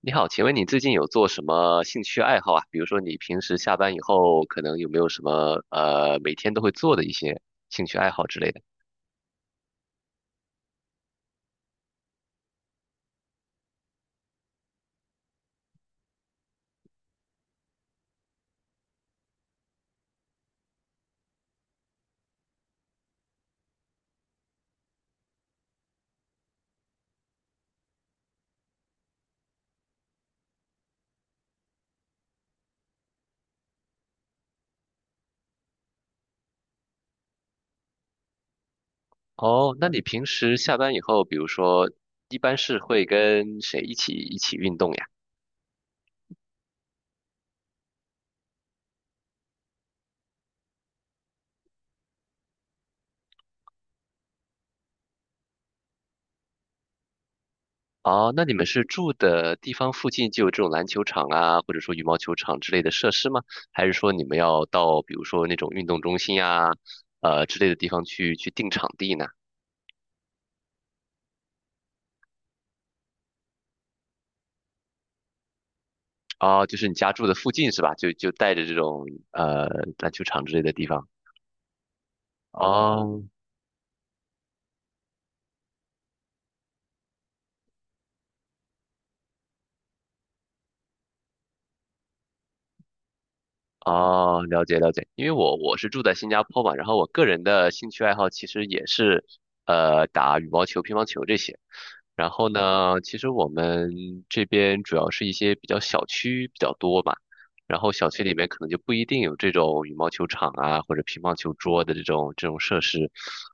你好，请问你最近有做什么兴趣爱好啊？比如说你平时下班以后，可能有没有什么每天都会做的一些兴趣爱好之类的？哦，那你平时下班以后，比如说一般是会跟谁一起运动呀？哦，那你们是住的地方附近就有这种篮球场啊，或者说羽毛球场之类的设施吗？还是说你们要到比如说那种运动中心呀，之类的地方去定场地呢？哦，就是你家住的附近是吧？就带着这种呃篮球场之类的地方。啊哦哦，了解了解。因为我是住在新加坡嘛，然后我个人的兴趣爱好其实也是打羽毛球、乒乓球这些。然后呢，其实我们这边主要是一些比较小区比较多嘛，然后小区里面可能就不一定有这种羽毛球场啊或者乒乓球桌的这种设施，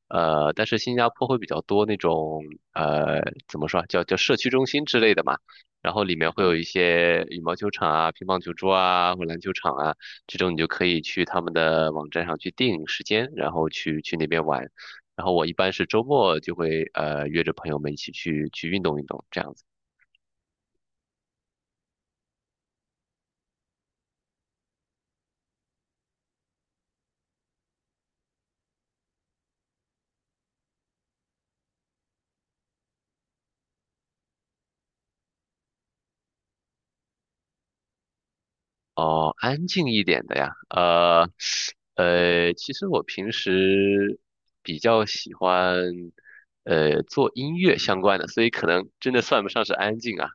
但是新加坡会比较多那种呃怎么说啊叫社区中心之类的嘛，然后里面会有一些羽毛球场啊、乒乓球桌啊或篮球场啊，这种你就可以去他们的网站上去定时间，然后去那边玩。然后我一般是周末就会约着朋友们一起去运动运动这样子。哦，安静一点的呀，其实我平时比较喜欢，做音乐相关的，所以可能真的算不上是安静啊，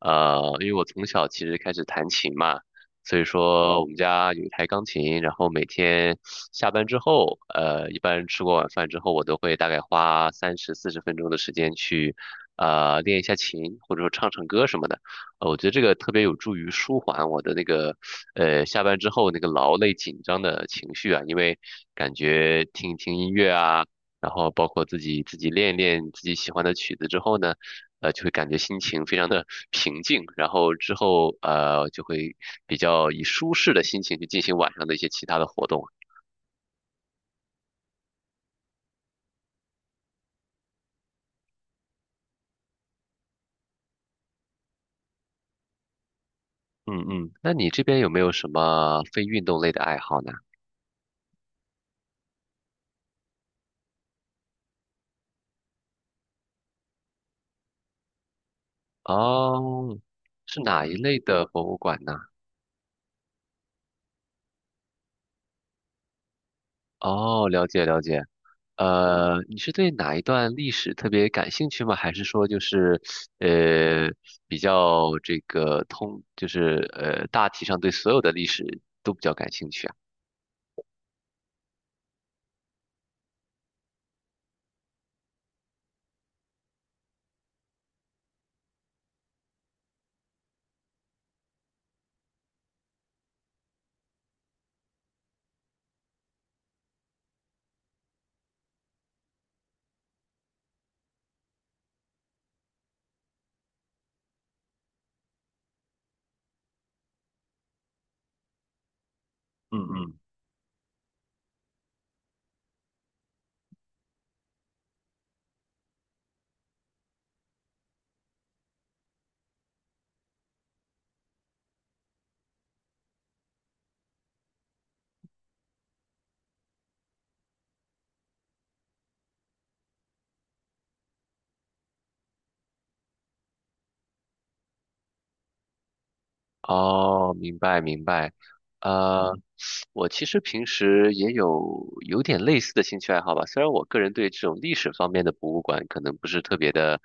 因为我从小其实开始弹琴嘛，所以说我们家有一台钢琴，然后每天下班之后，一般吃过晚饭之后，我都会大概花三十四十分钟的时间去，练一下琴，或者说唱唱歌什么的。我觉得这个特别有助于舒缓我的那个下班之后那个劳累紧张的情绪啊，因为感觉听一听音乐啊，然后包括自己练一练自己喜欢的曲子之后呢，就会感觉心情非常的平静，然后之后就会比较以舒适的心情去进行晚上的一些其他的活动。嗯嗯，那你这边有没有什么非运动类的爱好呢？哦，是哪一类的博物馆呢？哦，了解了解。呃，你是对哪一段历史特别感兴趣吗？还是说就是，呃，比较这个通，就是大体上对所有的历史都比较感兴趣啊？哦，明白明白，呃，我其实平时也有有点类似的兴趣爱好吧，虽然我个人对这种历史方面的博物馆可能不是特别的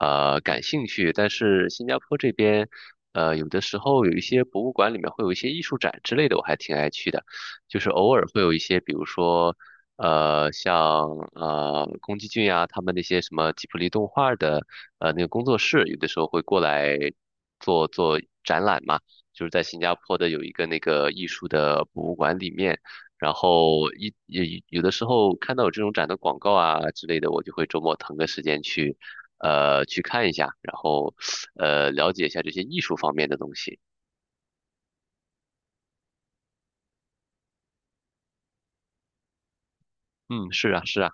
感兴趣，但是新加坡这边有的时候有一些博物馆里面会有一些艺术展之类的，我还挺爱去的，就是偶尔会有一些，比如说像宫崎骏啊他们那些什么吉卜力动画的那个工作室，有的时候会过来做做展览嘛。就是在新加坡的有一个那个艺术的博物馆里面，然后一也有的时候看到有这种展的广告啊之类的，我就会周末腾个时间去，去看一下，然后了解一下这些艺术方面的东西。嗯，是啊，是啊。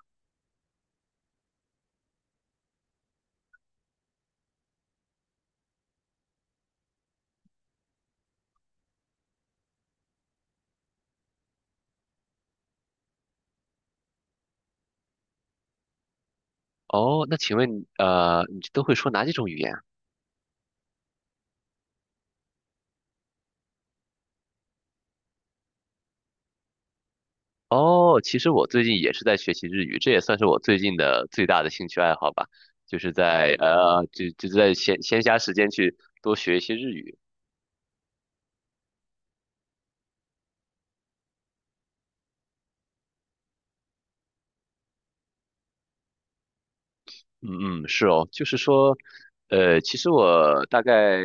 哦，那请问你都会说哪几种语言啊？哦，其实我最近也是在学习日语，这也算是我最近的最大的兴趣爱好吧，就是在就在闲暇时间去多学一些日语。嗯嗯，是哦，就是说，其实我大概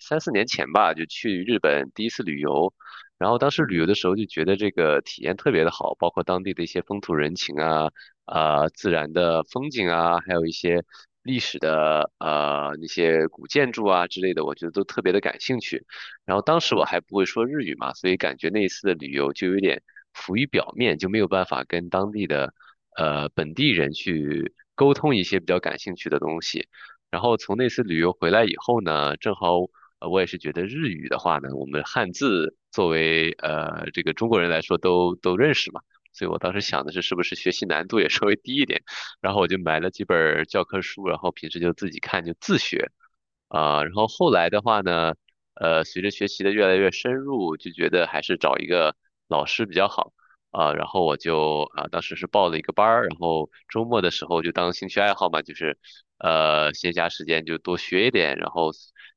三四年前吧，就去日本第一次旅游，然后当时旅游的时候就觉得这个体验特别的好，包括当地的一些风土人情啊、啊、自然的风景啊，还有一些历史的那些古建筑啊之类的，我觉得都特别的感兴趣。然后当时我还不会说日语嘛，所以感觉那一次的旅游就有点浮于表面，就没有办法跟当地的本地人去沟通一些比较感兴趣的东西。然后从那次旅游回来以后呢，正好我也是觉得日语的话呢，我们汉字作为这个中国人来说都认识嘛，所以我当时想的是是不是学习难度也稍微低一点，然后我就买了几本儿教科书，然后平时就自己看就自学。啊、然后后来的话呢，随着学习的越来越深入，就觉得还是找一个老师比较好啊。然后我就啊，当时是报了一个班儿，然后周末的时候就当兴趣爱好嘛，闲暇时间就多学一点。然后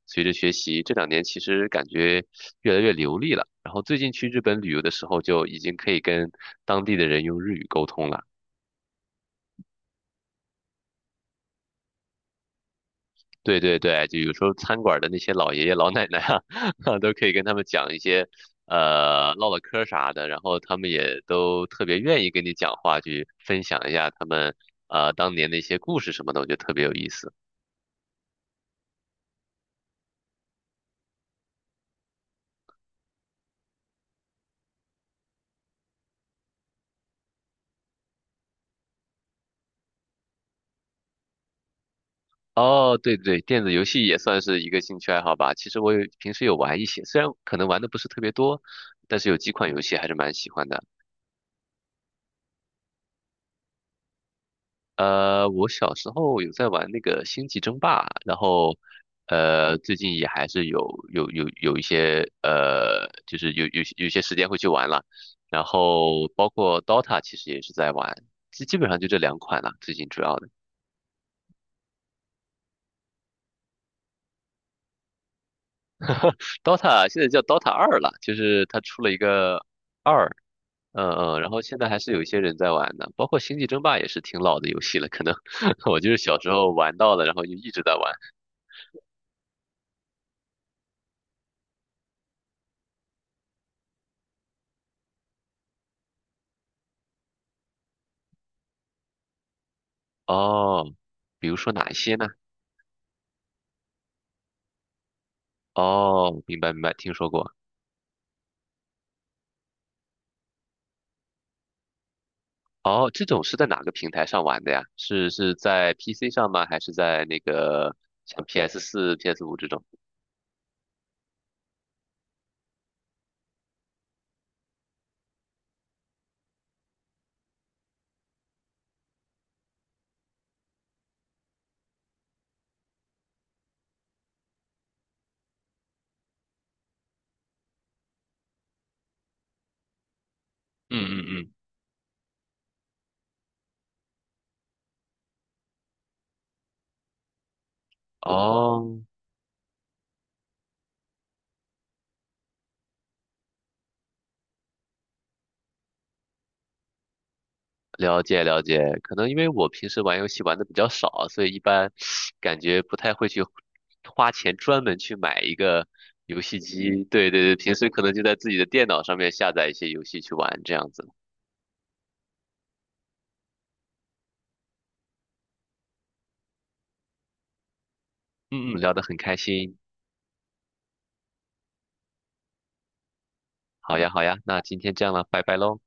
随着学习，这两年其实感觉越来越流利了。然后最近去日本旅游的时候，就已经可以跟当地的人用日语沟通了。对对对，就有时候餐馆的那些老爷爷老奶奶啊，都可以跟他们讲一些，唠唠嗑儿啥的，然后他们也都特别愿意跟你讲话，去分享一下他们当年的一些故事什么的，我觉得特别有意思。哦，对对对，电子游戏也算是一个兴趣爱好吧。其实我有平时有玩一些，虽然可能玩的不是特别多，但是有几款游戏还是蛮喜欢的。呃，我小时候有在玩那个《星际争霸》，然后，最近也还是有一些就是有些时间会去玩了，然后包括 Dota 其实也是在玩，基本上就这两款了，最近主要的。 Dota 现在叫 Dota 二了，就是它出了一个二，嗯嗯，然后现在还是有一些人在玩的，包括《星际争霸》也是挺老的游戏了，可能 我就是小时候玩到了，然后就一直在玩。哦，比如说哪一些呢？哦，明白明白，听说过。哦，这种是在哪个平台上玩的呀？是在 PC 上吗？还是在那个像 PS4、PS5 这种？哦，了解了解。可能因为我平时玩游戏玩的比较少，所以一般感觉不太会去花钱专门去买一个游戏机。对对对，平时可能就在自己的电脑上面下载一些游戏去玩这样子。嗯嗯，聊得很开心。好呀好呀，那今天这样了，拜拜喽。